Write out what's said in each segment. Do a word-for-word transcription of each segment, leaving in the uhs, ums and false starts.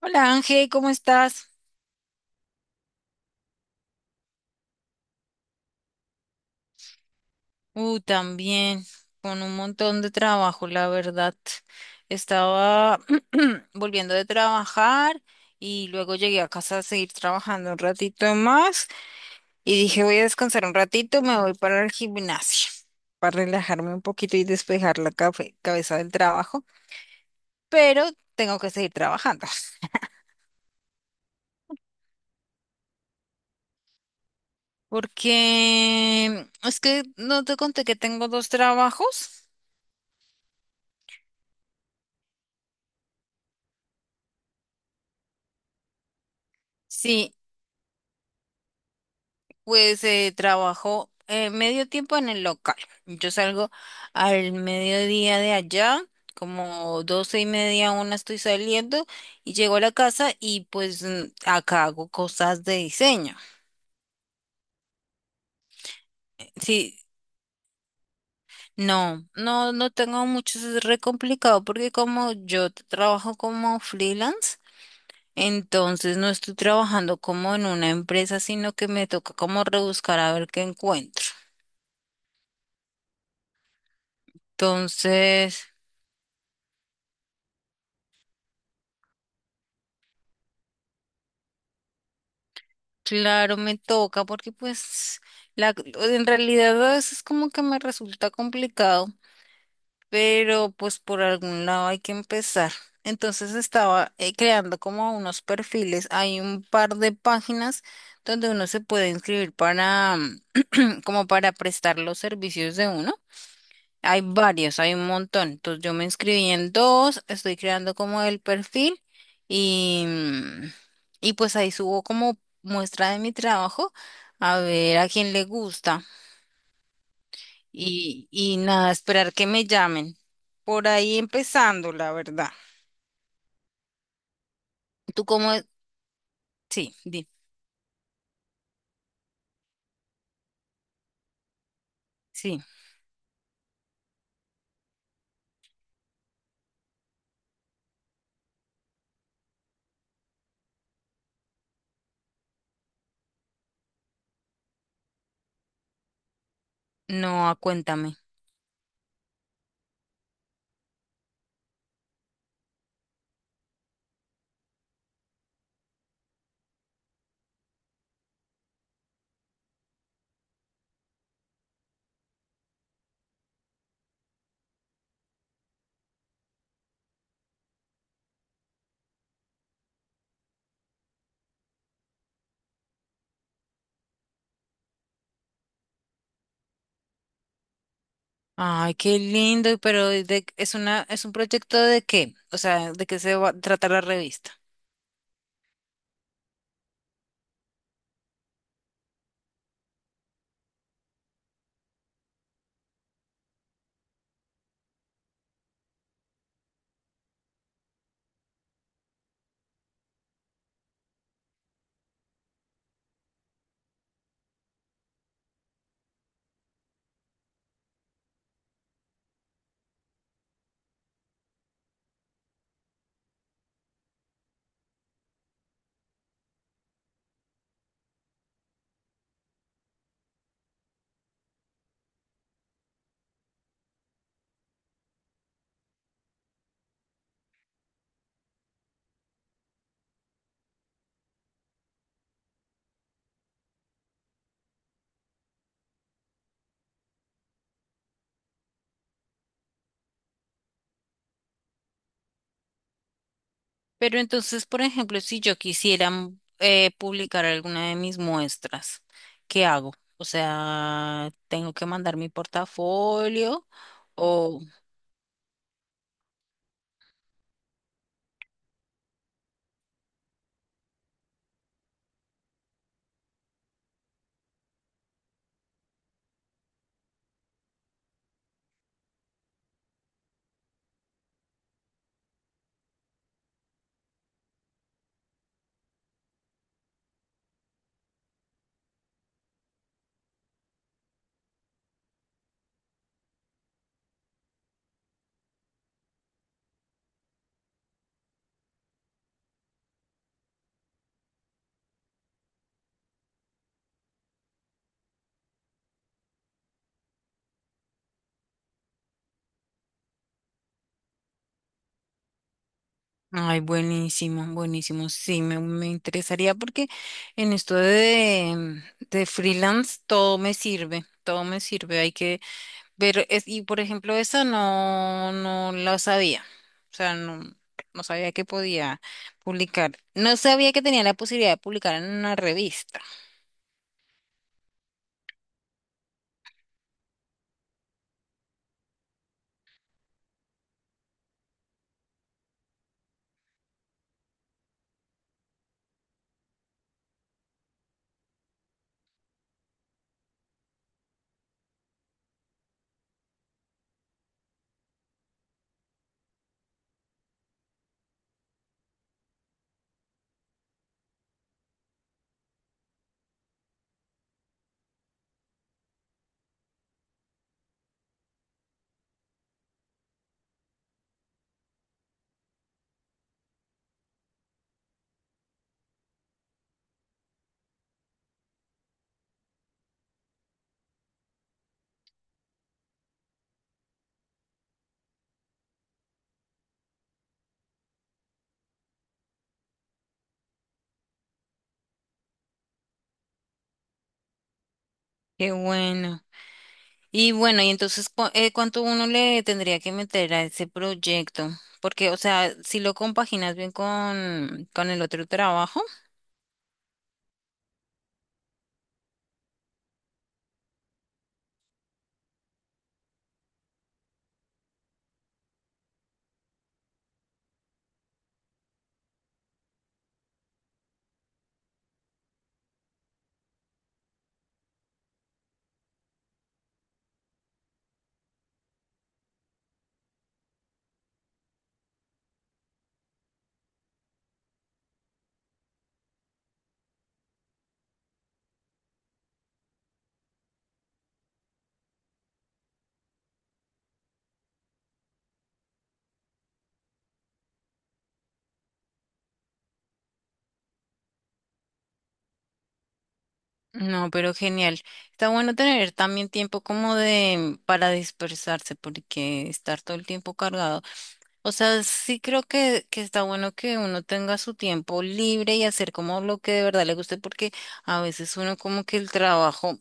Hola Ángel, ¿cómo estás? Uh, también, con un montón de trabajo, la verdad. Estaba volviendo de trabajar y luego llegué a casa a seguir trabajando un ratito más y dije voy a descansar un ratito, me voy para el gimnasio para relajarme un poquito y despejar la cafe- cabeza del trabajo, pero tengo que seguir trabajando porque es que no te conté que tengo dos trabajos. Sí. Pues eh, trabajo eh, medio tiempo en el local. Yo salgo al mediodía de allá, como doce y media, una estoy saliendo y llego a la casa y pues mm, acá hago cosas de diseño. Sí, no, no, no tengo mucho, es re complicado porque como yo t- trabajo como freelance, entonces no estoy trabajando como en una empresa, sino que me toca como rebuscar a ver qué encuentro. Entonces… Claro, me toca porque pues la, en realidad a veces como que me resulta complicado, pero pues por algún lado hay que empezar. Entonces estaba eh, creando como unos perfiles. Hay un par de páginas donde uno se puede inscribir para como para prestar los servicios de uno. Hay varios, hay un montón. Entonces yo me inscribí en dos, estoy creando como el perfil y, mm, y pues ahí subo como muestra de mi trabajo a ver a quién le gusta y, y nada, esperar que me llamen. Por ahí empezando, la verdad. ¿Tú cómo es? Sí, di, sí. No, ah, cuéntame. Ay, qué lindo, pero ¿de- ¿es una, es un proyecto de qué? O sea, ¿de qué se va, trata la revista? Pero entonces, por ejemplo, si yo quisiera mm, eh, publicar alguna de mis muestras, ¿qué hago? O sea, tengo que mandar mi portafolio o… Ay, buenísimo, buenísimo. Sí, me, me interesaría porque en esto de, de freelance todo me sirve, todo me sirve. Hay que… Pero es, y por ejemplo, esa no, no la sabía. O sea, no, no sabía que podía publicar. No sabía que tenía la posibilidad de publicar en una revista. Qué bueno. Y bueno, y entonces, cu- eh, ¿cuánto uno le tendría que meter a ese proyecto? Porque, o sea, si lo compaginas bien con, con el otro trabajo, no, pero genial. Está bueno tener también tiempo como de para dispersarse, porque estar todo el tiempo cargado… O sea, sí creo que, que está bueno que uno tenga su tiempo libre y hacer como lo que de verdad le guste, porque a veces uno como que el trabajo,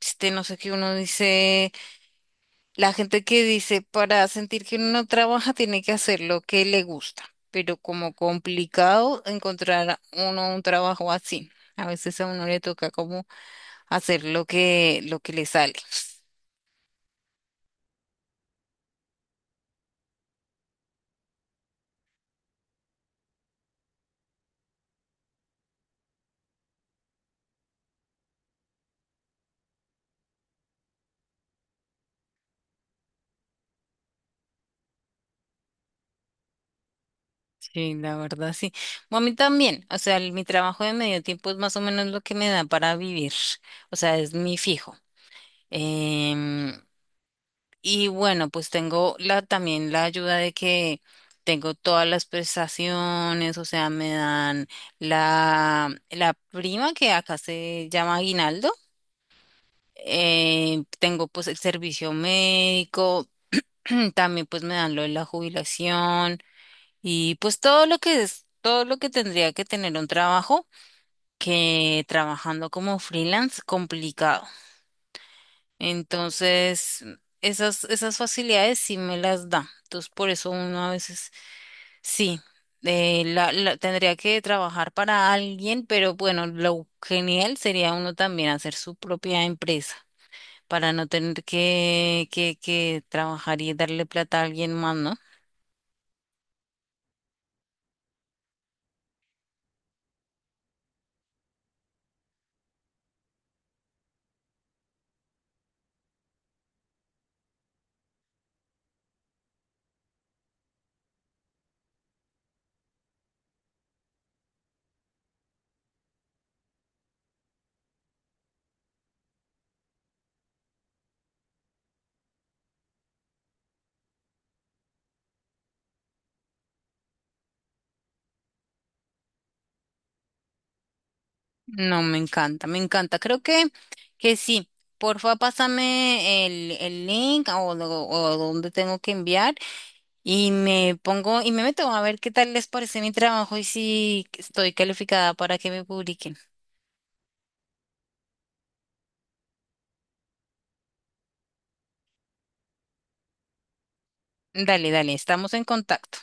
este, no sé qué uno dice, la gente que dice para sentir que uno no trabaja tiene que hacer lo que le gusta, pero como complicado encontrar a uno un trabajo así. A veces a uno le toca como hacer lo que, lo que le sale. Sí, la verdad, sí. Bueno, a mí también, o sea, el- mi trabajo de medio tiempo es más o menos lo que me da para vivir, o sea, es mi fijo. Em, y bueno, pues tengo la, también la ayuda de que tengo todas las prestaciones, o sea, me dan la, la prima que acá se llama aguinaldo, em, tengo pues el servicio médico, también pues me dan lo de la jubilación. Y pues todo lo que es, todo lo que tendría que tener un trabajo, que trabajando como freelance, complicado. Entonces, esas, esas facilidades sí me las da. Entonces, por eso uno a veces sí, eh, la, la- tendría que trabajar para alguien, pero bueno, lo genial sería uno también hacer su propia empresa para no tener que, que, que trabajar y darle plata a alguien más, ¿no? No, me encanta, me encanta. Creo que, que sí. Porfa, pásame el, el link o, lo- o dónde tengo que enviar y me pongo y me meto a ver qué tal les parece mi trabajo y si estoy calificada para que me publiquen. Dale, dale, estamos en contacto.